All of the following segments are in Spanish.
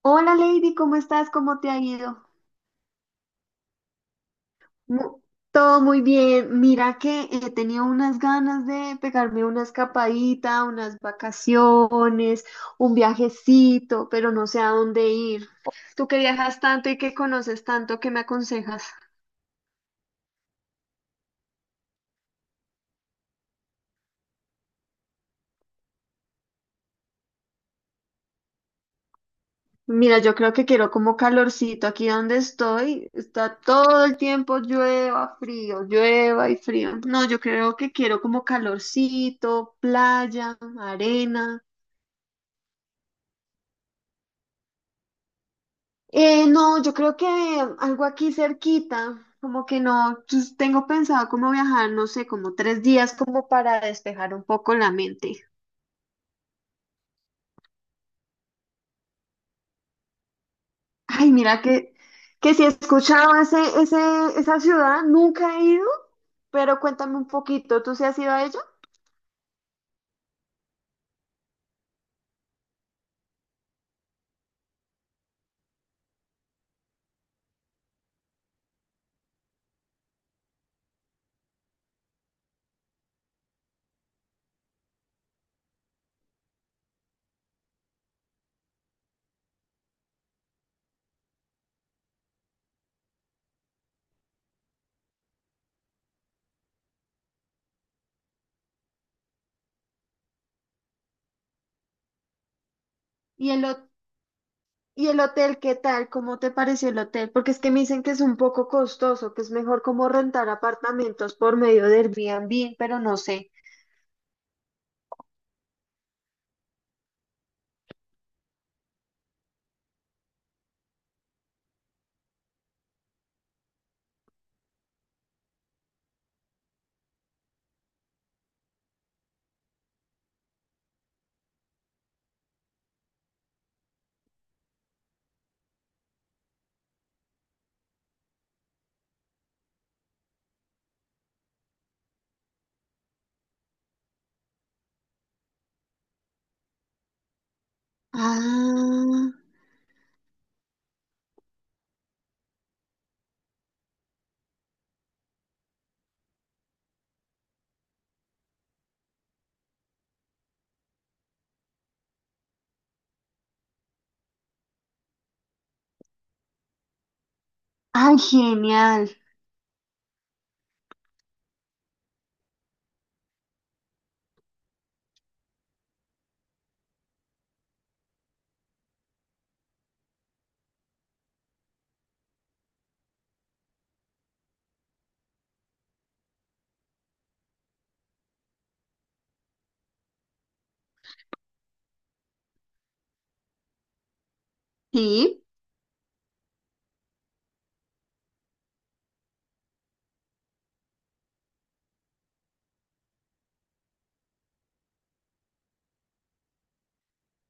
Hola Lady, ¿cómo estás? ¿Cómo te ha ido? Mu- Todo muy bien. Mira que he tenido unas ganas de pegarme una escapadita, unas vacaciones, un viajecito, pero no sé a dónde ir. Tú que viajas tanto y que conoces tanto, ¿qué me aconsejas? Mira, yo creo que quiero como calorcito. Aquí donde estoy, está todo el tiempo llueva, frío, llueva y frío. No, yo creo que quiero como calorcito, playa, arena. No, yo creo que algo aquí cerquita, como que no, pues, tengo pensado como viajar, no sé, como 3 días como para despejar un poco la mente. Ay, mira que si he escuchado esa ciudad, nunca he ido, pero cuéntame un poquito, ¿tú sí has ido a ella? ¿Y el, ho- y el hotel, qué tal? ¿Cómo te pareció el hotel? Porque es que me dicen que es un poco costoso, que es mejor como rentar apartamentos por medio de Airbnb, pero no sé. Ah, ay, genial. Sí,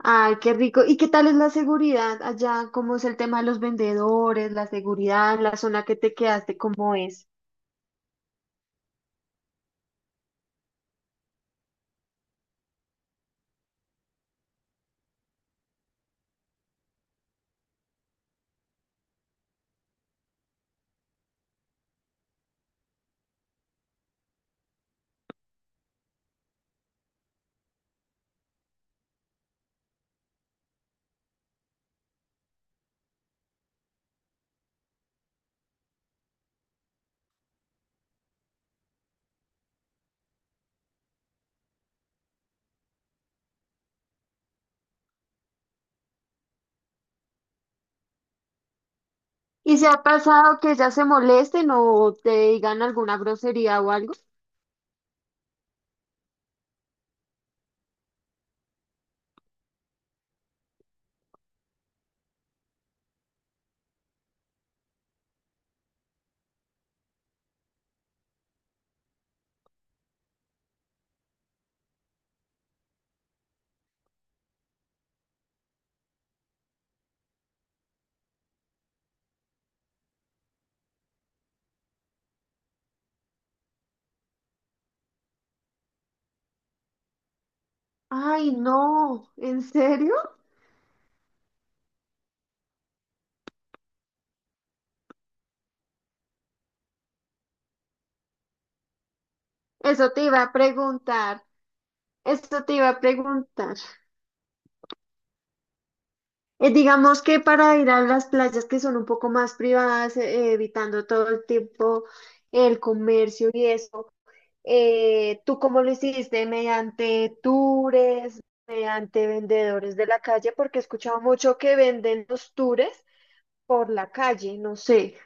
ay, qué rico. ¿Y qué tal es la seguridad allá? ¿Cómo es el tema de los vendedores, la seguridad, la zona que te quedaste, cómo es? ¿Y se ha pasado que ya se molesten o te digan alguna grosería o algo? Ay, no, ¿en serio? Eso te iba a preguntar, eso te iba a preguntar. Digamos que para ir a las playas que son un poco más privadas, evitando todo el tiempo el comercio y eso. ¿Tú cómo lo hiciste? ¿Mediante tours, mediante vendedores de la calle? Porque he escuchado mucho que venden los tours por la calle, no sé.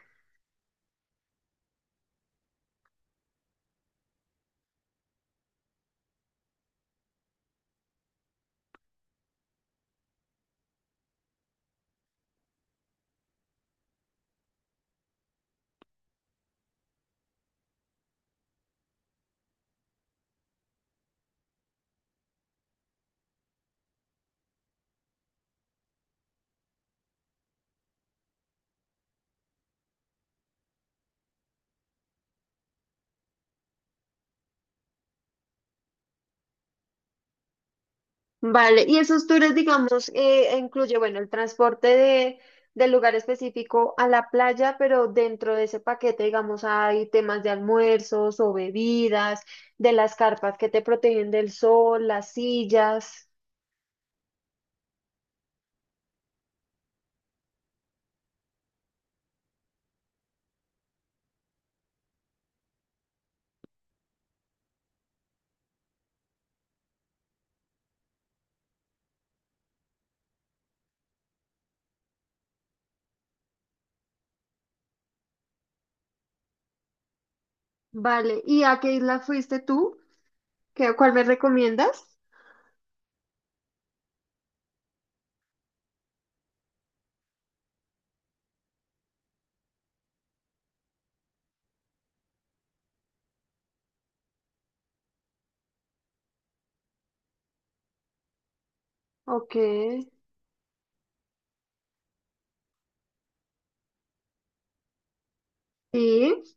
Vale, y esos tours, digamos, incluye, bueno, el transporte de, del lugar específico a la playa, pero dentro de ese paquete, digamos, hay temas de almuerzos o bebidas, de las carpas que te protegen del sol, las sillas. Vale, ¿y a qué isla fuiste tú? ¿Qué, cuál me recomiendas? Ok, sí,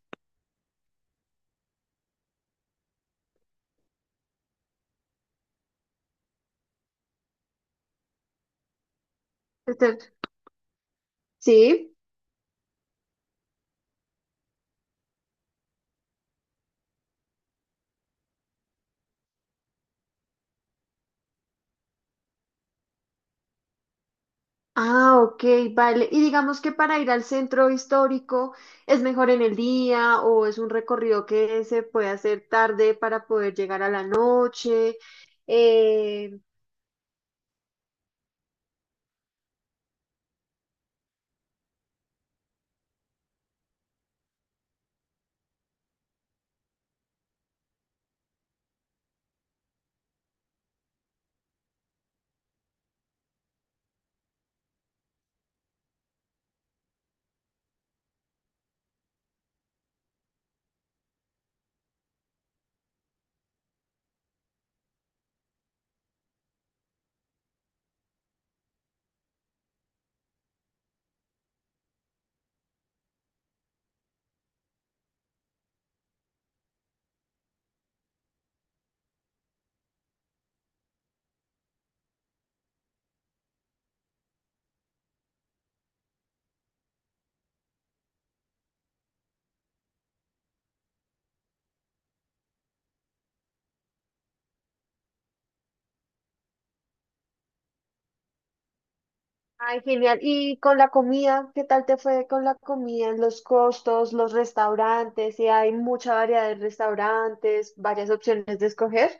este- sí. Ah, ok, vale. Y digamos que para ir al centro histórico es mejor en el día o es un recorrido que se puede hacer tarde para poder llegar a la noche. Eh, ay, genial. ¿Y con la comida? ¿Qué tal te fue con la comida? Los costos, los restaurantes, si hay mucha variedad de restaurantes, varias opciones de escoger.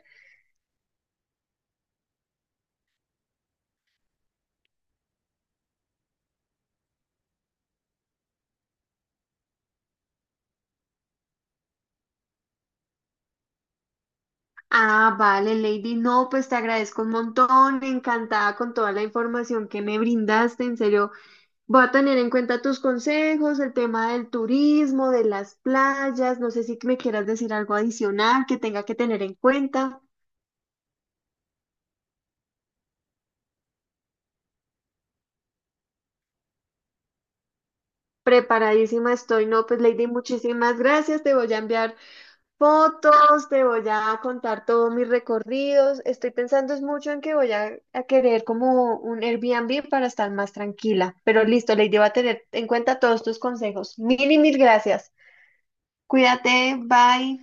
Ah, vale, Lady. No, pues te agradezco un montón. Encantada con toda la información que me brindaste. En serio, voy a tener en cuenta tus consejos, el tema del turismo, de las playas. No sé si me quieras decir algo adicional que tenga que tener en cuenta. Preparadísima estoy. No, pues Lady, muchísimas gracias. Te voy a enviar fotos, te voy a contar todos mis recorridos. Estoy pensando es mucho en que voy a querer como un Airbnb para estar más tranquila. Pero listo, Lady, va a tener en cuenta todos tus consejos. Mil y mil gracias. Cuídate, bye.